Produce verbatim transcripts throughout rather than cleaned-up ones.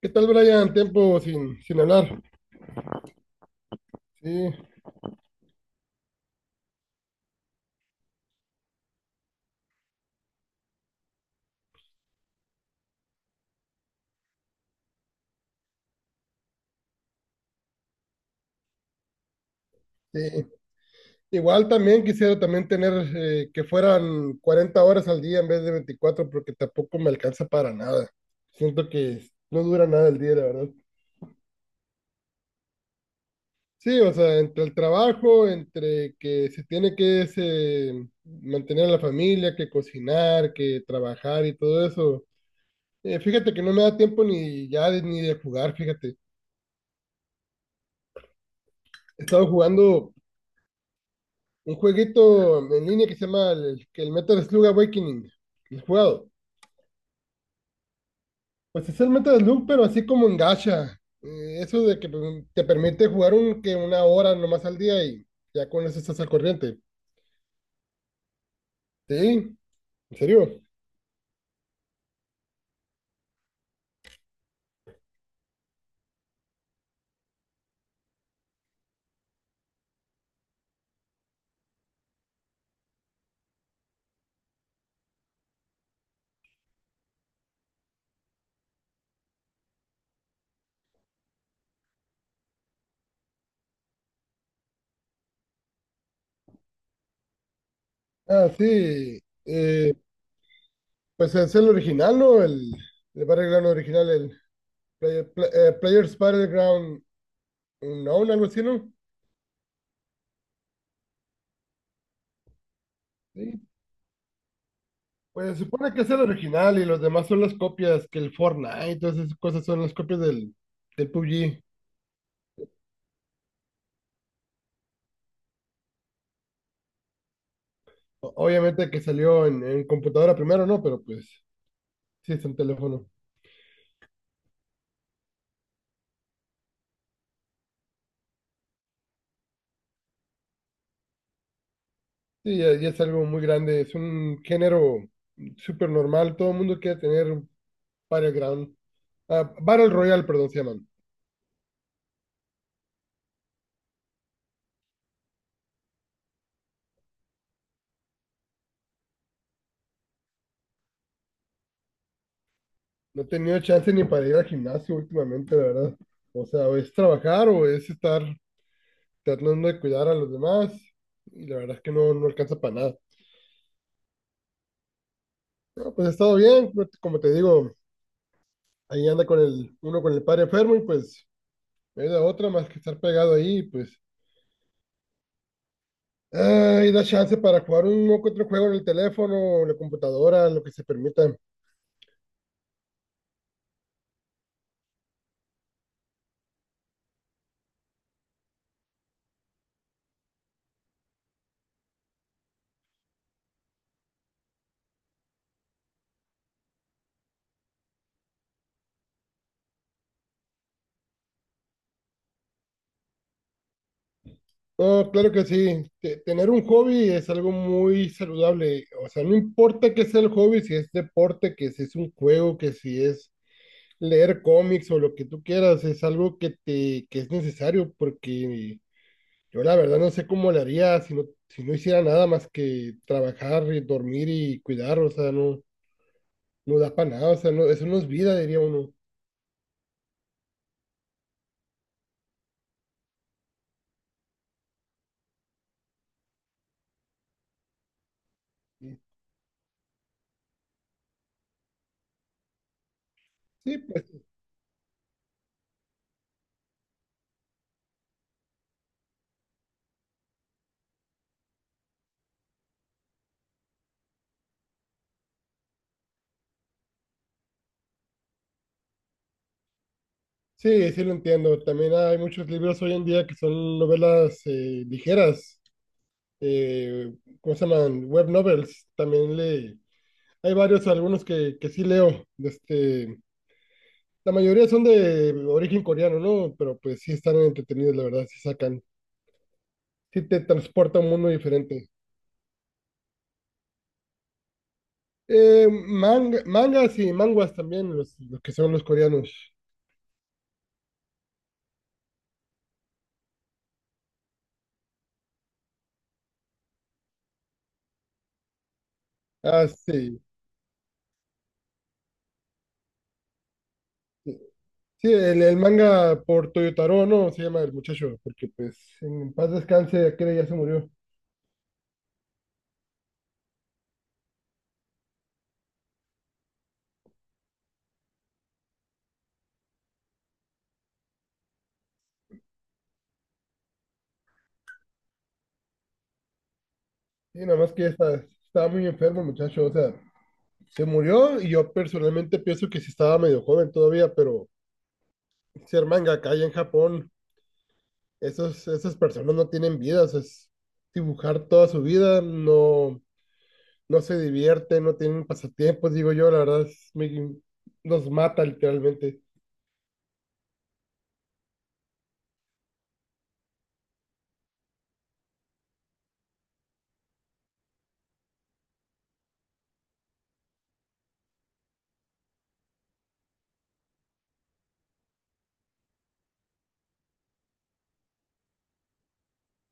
¿Qué tal, Brian? Tiempo sin, sin hablar. Sí, sí. Igual también quisiera también tener eh, que fueran cuarenta horas al día en vez de veinticuatro porque tampoco me alcanza para nada. Siento que no dura nada el día, la verdad. Sí, o sea, entre el trabajo, entre que se tiene que ese, mantener a la familia, que cocinar, que trabajar y todo eso. Eh, fíjate que no me da tiempo ni ya de- ni de jugar, fíjate. He estado jugando un jueguito en línea que se llama el, que el Metal Slug Awakening. ¿Lo ¿Has jugado? Pues es el Metal Slug, pero así como en gacha. Eh, eso de que pues, te permite jugar un, que una hora nomás al día y ya con eso estás al corriente. Sí, en serio. Ah, sí. Eh, pues es el original, ¿no? El, el Battleground original, el Player- Pla- eh, Players Battleground Unknown, algo así, ¿no? Sí. Pues se supone que es el original y los demás son las copias, que el Fortnite, todas esas cosas son las copias del, del P U B G. O- Obviamente que salió en, en computadora primero, ¿no? Pero pues sí es en teléfono. Sí, ya, ya es algo muy grande, es un género súper normal, todo el mundo quiere tener un Battleground. Ah, Battle Royale, perdón, se llaman. No he tenido chance ni para ir al gimnasio últimamente, la verdad. O sea, o es trabajar o es estar tratando de cuidar a los demás y la verdad es que no, no alcanza para nada. No, pues ha estado bien, no te- como te digo, ahí anda con el, uno con el padre enfermo y pues no hay de otra más que estar pegado ahí, pues. Ay, da chance para jugar un que otro juego en el teléfono, en la computadora, lo que se permita. No, claro que sí. Te- tener un hobby es algo muy saludable. O sea, no importa qué sea el hobby, si es deporte, que si es un juego, que si es leer cómics o lo que tú quieras, es algo que te, que es necesario porque yo la verdad no sé cómo le haría si no, si no hiciera nada más que trabajar, y dormir y cuidar, o sea, no, no da para nada, o sea, no, eso no es vida, diría uno. Sí, pues sí, sí lo entiendo. También hay muchos libros hoy en día que son novelas eh, ligeras, eh, ¿cómo se llaman? Web novels. También le, hay varios, algunos que, que sí leo. De Este, la mayoría son de origen coreano, ¿no? Pero pues sí están entretenidos, la verdad, sí sacan, sí te transporta a un mundo diferente. Eh, manga- mangas y manguas también, los, los que son los coreanos. Ah, sí. Sí, sí, el, el manga por Toyotaro, ¿no? Se llama el muchacho, porque pues en paz descanse, aquel ya se murió. Y nada más que ya está, estaba muy enfermo el muchacho, o sea, se murió y yo personalmente pienso que sí estaba medio joven todavía, pero ser manga acá en Japón, esos, esas personas no tienen vida, o sea, es dibujar toda su vida, no. No se divierten, no tienen pasatiempos, digo yo, la verdad es, me- los mata literalmente.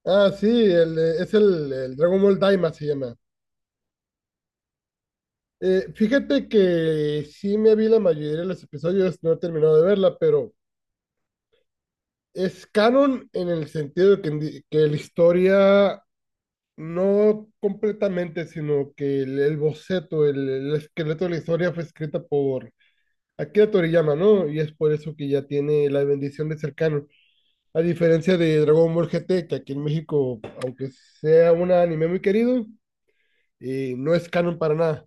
Ah, sí, el, eh, es el, el Dragon Ball Daima se llama. Eh, fíjate que sí me vi la mayoría de los episodios, no he terminado de verla, pero es canon en el sentido de que, en di- que la historia no completamente, sino que el, el boceto, el, el esqueleto de la historia fue escrita por Akira Toriyama, ¿no? Y es por eso que ya tiene la bendición de ser canon. A diferencia de Dragon Ball G T, que aquí en México, aunque sea un anime muy querido, eh, no es canon para nada.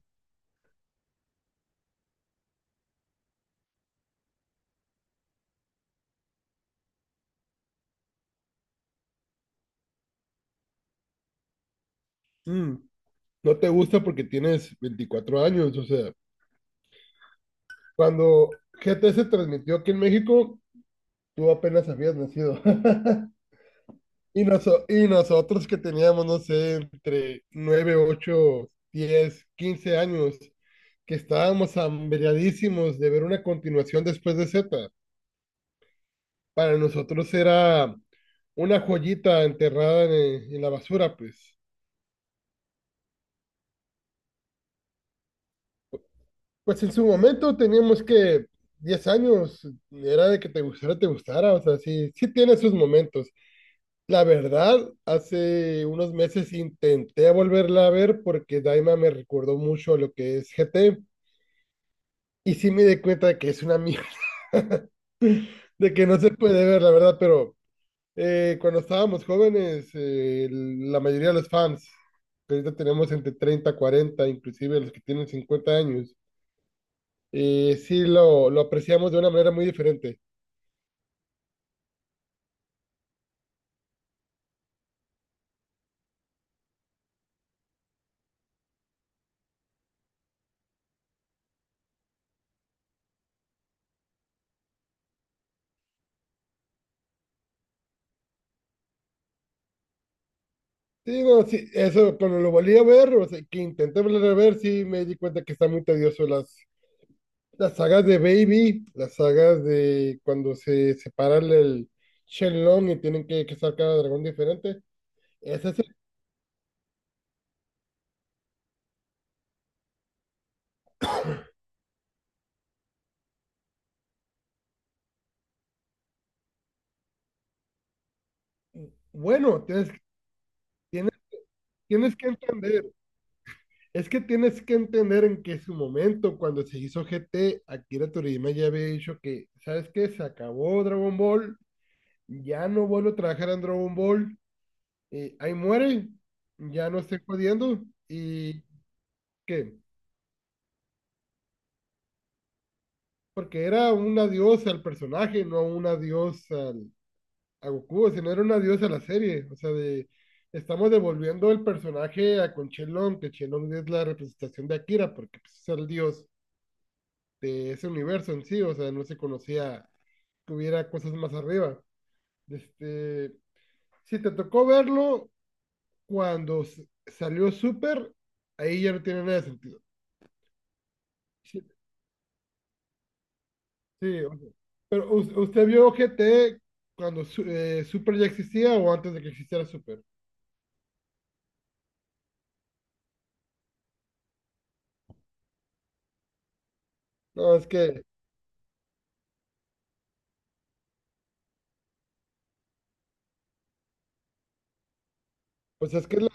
Mm, no te gusta porque tienes veinticuatro años, o sea, cuando G T se transmitió aquí en México, tú apenas habías nacido. Y, noso- y nosotros que teníamos, no sé, entre nueve, ocho, diez, quince años, que estábamos hambriadísimos de ver una continuación después de Z, para nosotros era una joyita enterrada en, en la basura, pues. Pues en su momento teníamos que diez años, era de que te gustara, te gustara, o sea, sí, sí tiene sus momentos. La verdad, hace unos meses intenté volverla a ver porque Daima me recordó mucho a lo que es G T y sí me di cuenta de que es una mierda, de que no se puede ver, la verdad, pero Eh, cuando estábamos jóvenes, eh, la mayoría de los fans, que ahorita tenemos entre treinta, cuarenta, inclusive los que tienen cincuenta años, eh, sí lo, lo apreciamos de una manera muy diferente. Te digo, sí, eso cuando lo volví a ver, o sea, que intenté volver a ver, sí me di cuenta que está muy tedioso las, las sagas de Baby, las sagas de cuando se separan el Shenlong y tienen que, que sacar cada dragón diferente. Es ese, bueno, tienes, tienes, Tienes que entender. Es que tienes que entender en que su momento, cuando se hizo G T, Akira Toriyama ya había dicho que, ¿sabes qué? Se acabó Dragon Ball, ya no vuelvo a trabajar en Dragon Ball, eh, ahí muere, ya no estoy jodiendo, y ¿qué? Porque era un adiós al personaje, no un adiós al, a Goku, sino era un adiós a la serie, o sea, de, estamos devolviendo el personaje a con Shenlong, que Shenlong es la representación de Akira, porque pues, es el dios de ese universo en sí, o sea, no se conocía que hubiera cosas más arriba. Este, si te tocó verlo cuando s- salió Super, ahí ya no tiene nada de sentido. Sí, sí, o sea, pero us- usted vio g t cuando su- eh, Super ya existía o antes de que existiera Super. No, es que, pues es que es la,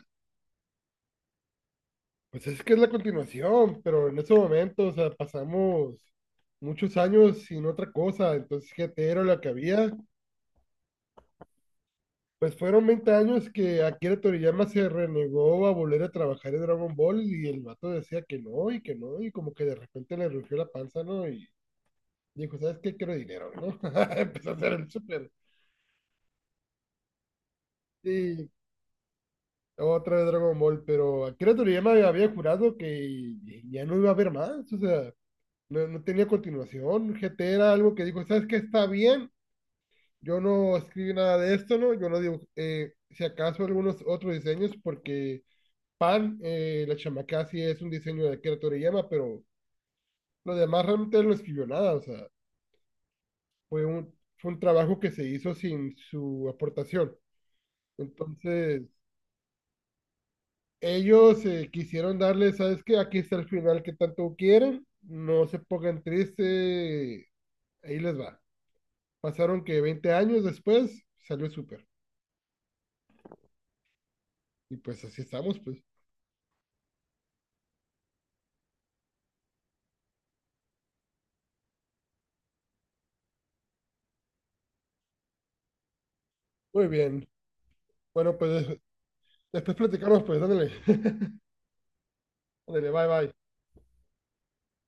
pues es que es la continuación, pero en ese momento, o sea, pasamos muchos años sin otra cosa, entonces g t era lo que había. Pues fueron veinte años que Akira Toriyama se renegó a volver a trabajar en Dragon Ball y el vato decía que no y que no y como que de repente le rugió la panza, ¿no? Y dijo, ¿sabes qué? Quiero dinero, ¿no? Empezó a hacer el super y otra vez Dragon Ball, pero Akira Toriyama había jurado que ya no iba a haber más, o sea, no, no tenía continuación. G T era algo que dijo, ¿sabes qué? Está bien, yo no escribí nada de esto, ¿no? Yo no digo, eh, si acaso algunos otros diseños porque Pan, eh, la chamaca sí es un diseño de Akira Toriyama, pero lo demás realmente no escribió nada, o sea, fue un, fue un trabajo que se hizo sin su aportación. Entonces, ellos eh, quisieron darle, ¿sabes qué? Aquí está el final que tanto quieren, no se pongan tristes, ahí les va. Pasaron que veinte años después salió súper. Y pues así estamos, pues. Muy bien. Bueno, pues después platicamos, pues, ándale. Ándale, bye, bye.